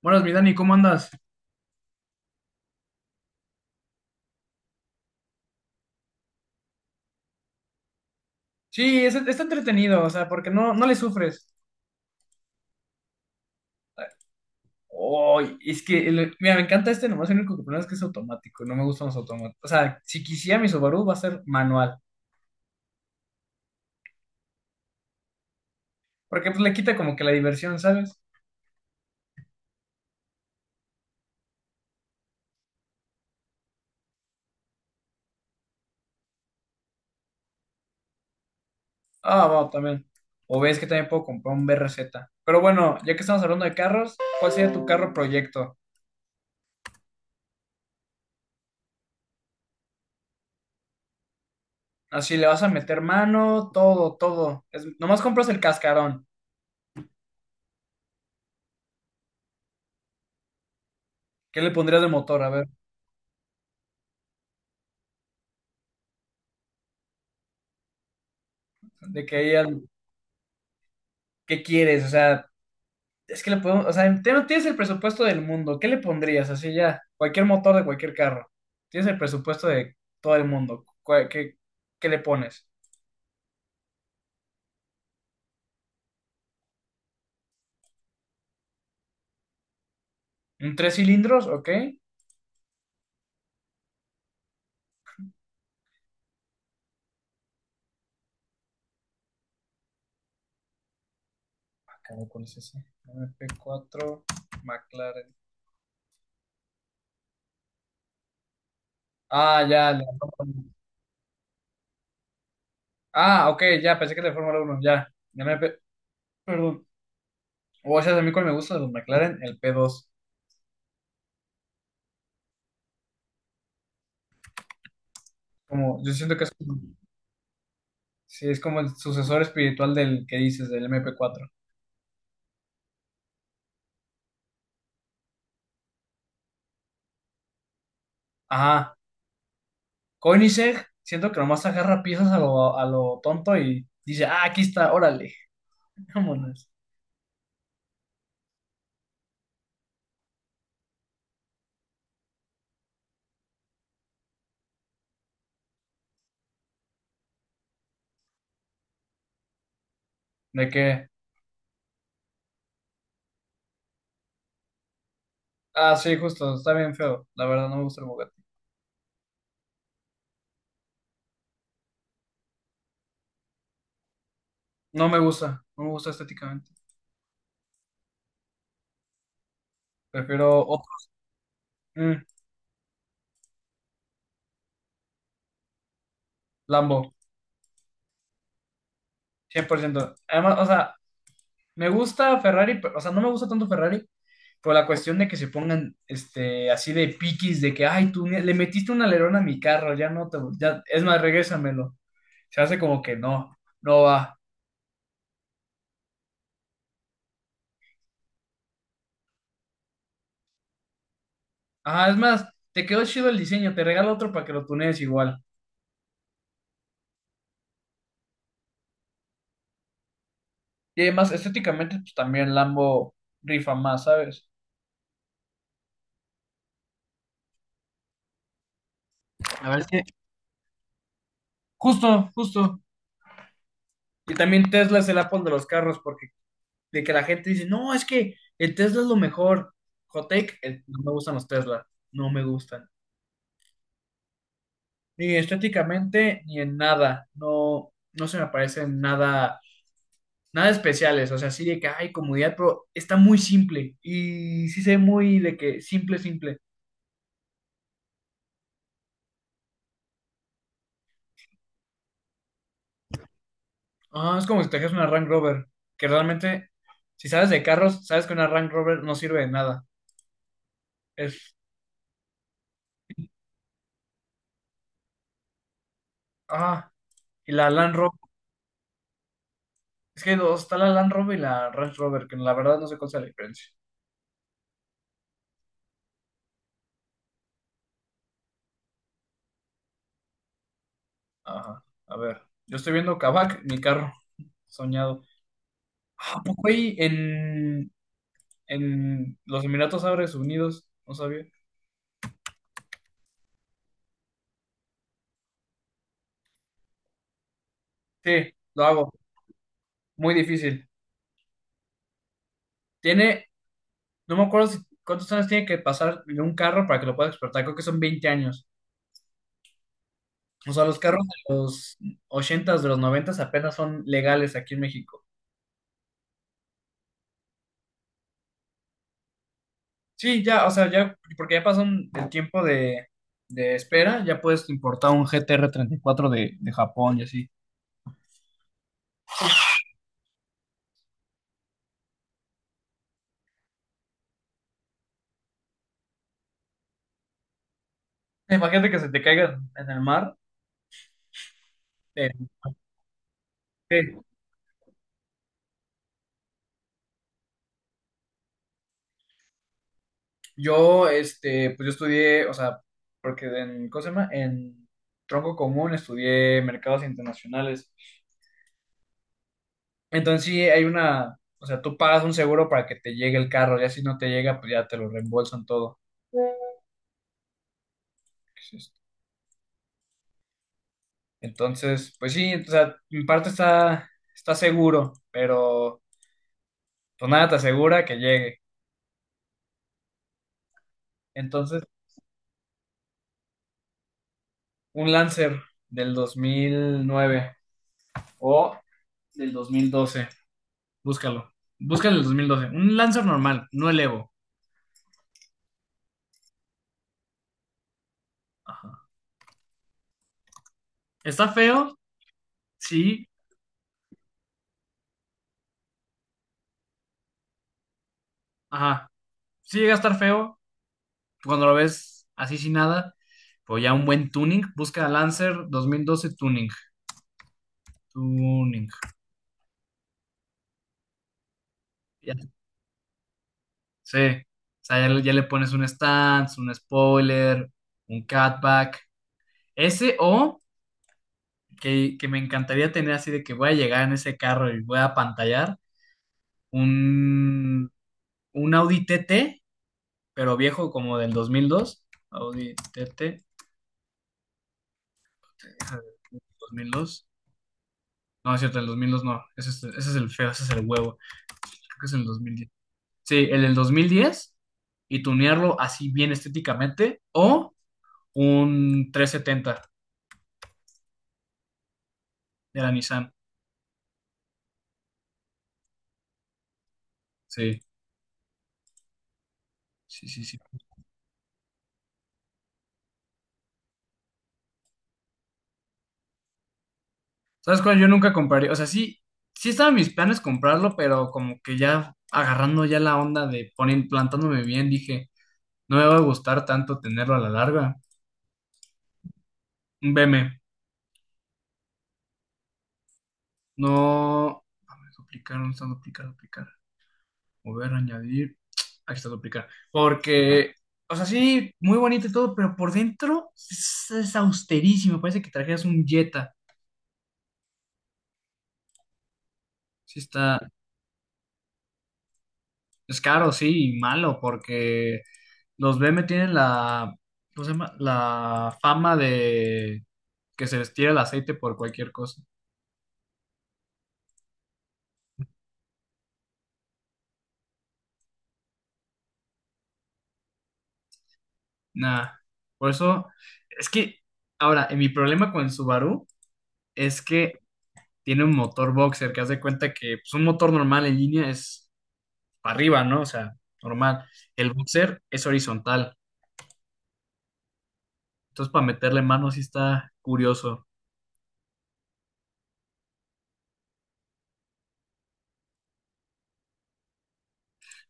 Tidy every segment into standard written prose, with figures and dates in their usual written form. Buenas, mi Dani, ¿cómo andas? Sí, está entretenido, o sea, porque no, no le sufres. Ay, es que, mira, me encanta este, nomás el único que problema es que es automático, no me gustan los automáticos. O sea, si quisiera mi Subaru va a ser manual, porque pues le quita como que la diversión, ¿sabes? Ah, va, también. O ves que también puedo comprar un BRZ. Pero bueno, ya que estamos hablando de carros, ¿cuál sería tu carro proyecto? Así le vas a meter mano, todo, todo. Es, nomás compras el cascarón. ¿Qué le pondrías de motor? A ver, de que qué quieres, o sea. Es que le podemos, o sea, no tienes el presupuesto del mundo, ¿qué le pondrías? Así ya, cualquier motor de cualquier carro. Tienes el presupuesto de todo el mundo. ¿Qué le pones? ¿Un tres cilindros? ¿Ok? Ah, caray, ¿cuál es ese? MP4 McLaren. Ah, ya, la Fórmula 1. Ah, ok, ya, pensé que era de Fórmula 1, ya. Perdón. O sea, a mí cuál me gusta de los McLaren, el P2. Como, yo siento que es, sí, es como el sucesor espiritual del que dices, del MP4. Ajá. Koenigsegg, siento que nomás agarra piezas a lo tonto y dice, ah, aquí está, órale, vámonos. De qué ah, sí, justo, está bien feo. La verdad, no me gusta el Bugatti. No me gusta, no me gusta estéticamente. Prefiero otro. Mm, Lambo, 100%. Además, o sea, me gusta Ferrari, o sea, no me gusta tanto Ferrari por la cuestión de que se pongan este, así de piquis, de que, ay, tú le metiste un alerón a mi carro, ya no te, ya, es más, regrésamelo. Se hace como que no, no va. Ajá, es más, te quedó chido el diseño, te regalo otro para que lo tunees igual. Y además, estéticamente, pues también Lambo rifa más, ¿sabes? La verdad es que Justo, justo. Y también Tesla es el Apple de los carros, porque de que la gente dice, no, es que el Tesla es lo mejor. Hot take, no me gustan los Tesla, no me gustan. Ni estéticamente, ni en nada. No, no se me parecen nada, nada especiales. O sea, sí de que hay comodidad, pero está muy simple. Y sí se ve muy de que simple, simple. Ah, es como si trajeras una Range Rover, que realmente, si sabes de carros, sabes que una Range Rover no sirve de nada. Es, ah, y la Land Rover, es que hay dos, está la Land Rover y la Range Rover, que la verdad no sé cuál es la diferencia. Ajá, a ver, yo estoy viendo Kavak, mi carro, soñado. Ah, ¿a poco ahí en los Emiratos Árabes Unidos? No sabía. Sí, lo hago, muy difícil. Tiene, no me acuerdo cuántos años tiene que pasar en un carro para que lo puedas exportar, creo que son 20 años. O sea, los carros de los ochentas, de los noventas apenas son legales aquí en México. Sí, ya, o sea, ya, porque ya pasó el tiempo de espera, ya puedes importar un GTR cuatro de Japón y así. Imagínate que se te caiga en el mar. eh, sí. Yo, este, pues yo estudié, o sea, porque en, ¿cómo se llama? En tronco común estudié mercados internacionales. Entonces sí hay una, o sea, tú pagas un seguro para que te llegue el carro, ya si no te llega, pues ya te lo reembolsan todo. Pues, este, entonces, pues sí, o sea, en parte está seguro, pero pues nada te asegura que llegue. Entonces, un Lancer del 2009 o del 2012, búscalo. Búscalo del 2012. Un Lancer normal, no el Evo. ¿Está feo? Sí, ajá. Sí llega a estar feo cuando lo ves así sin nada, pues ya un buen tuning. Busca Lancer 2012 tuning. Tuning. Sí, o sea, ya le pones un stance, un spoiler, un cutback. Ese o que me encantaría tener así de que voy a llegar en ese carro y voy a pantallar un, un Audi TT, pero viejo como del 2002. Audi TT, déjame ver, 2002. No, es cierto, el 2002 no. Ese es el feo, ese es el huevo. Creo que es el 2010. Sí, el del 2010 y tunearlo así bien estéticamente o un 370 de la Nissan. Sí, sí, sí, sí. ¿Sabes cuál? Yo nunca compraría, o sea, sí, sí estaban mis planes comprarlo, pero como que ya agarrando ya la onda de poner, plantándome bien, dije, no me va a gustar tanto tenerlo a la larga. Un BM, no, a ver, duplicar, ¿dónde está duplicar, duplicar? Mover, añadir, aquí está duplicar. Porque, o sea, sí, muy bonito y todo, pero por dentro es austerísimo, parece que trajeras un Jetta. Sí está, es caro, sí, y malo, porque... Los B M tienen la, ¿cómo se llama? La fama de que se les tira el aceite por cualquier cosa. Nah, por eso, es que, ahora, mi problema con el Subaru es que tiene un motor boxer, que haz de cuenta que pues, un motor normal en línea es para arriba, ¿no? O sea, normal. El boxer es horizontal. Entonces, para meterle mano sí está curioso.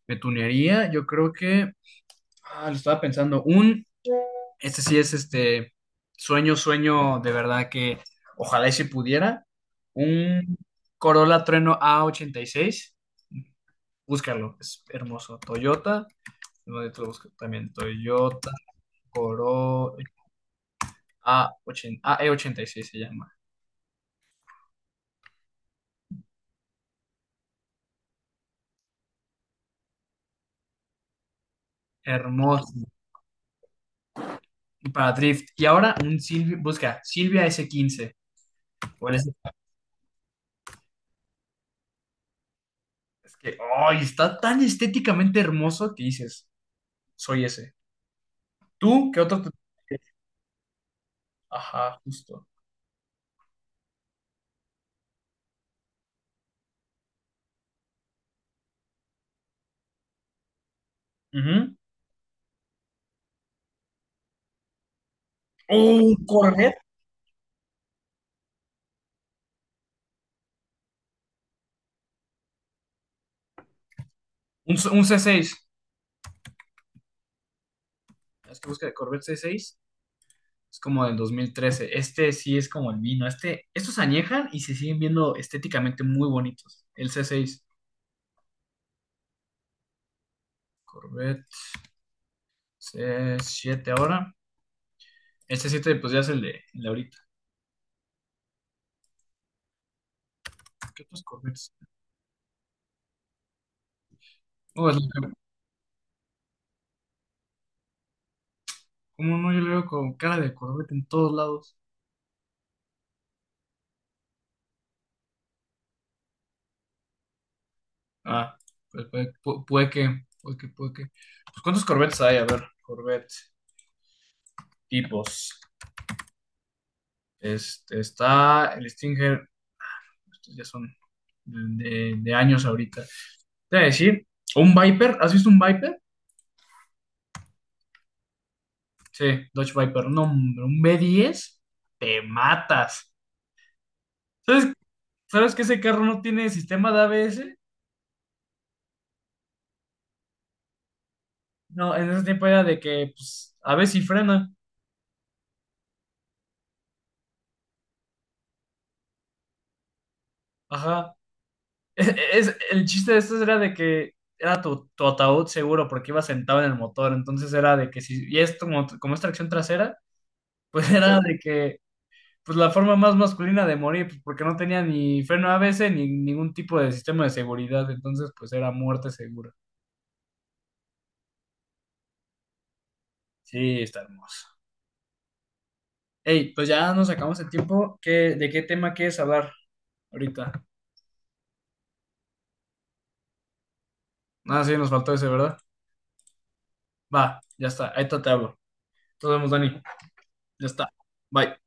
Me tunearía, yo creo que, ah, lo estaba pensando, un este sí es este sueño, sueño de verdad que ojalá y si pudiera. Un Corolla Trueno a 86. Búscalo, es hermoso. Toyota, no, yo te lo busco también. Toyota Corolla a AE86 se llama. Hermoso. Para Drift. Y ahora un Silvia, busca Silvia S15 o el es que, ay, está tan estéticamente hermoso que dices, soy ese. ¿Tú qué otro? Ajá, justo. Ujú. Un Corvette. Un C6. Es que busca de Corvette C6. Es como del 2013. Este sí es como el vino. Estos añejan y se siguen viendo estéticamente muy bonitos. El C6. Corvette C7 ahora. El C7 pues ya es el de ahorita. ¿Qué otros Corvettes? No, que- ¿cómo no? Yo le veo con cara de Corvette en todos lados. Ah, pues puede, puede que, puede que, puede que. Pues ¿cuántos Corvettes hay? A ver, Corvette tipos. Este, está el Stinger, ya son de años ahorita. Te voy a decir, un Viper, ¿has visto un Viper? Sí, Dodge Viper, no, hombre, un B10, te matas. ¿Sabes, sabes que ese carro no tiene sistema de ABS? No, en ese tiempo era de que, pues, a veces sí frena, ajá. El chiste de estos era de que era tu ataúd seguro porque iba sentado en el motor, entonces era de que si, y esto como es tracción trasera, pues era de que pues la forma más masculina de morir, pues porque no tenía ni freno ABS ni ningún tipo de sistema de seguridad, entonces pues era muerte segura. Sí, está hermoso. Ey, pues ya nos acabamos el tiempo. ¿De qué tema quieres hablar ahorita? Ah, sí, nos faltó ese, ¿verdad? Va, ya está, ahí te hablo. Nos vemos, Dani. Ya está. Bye.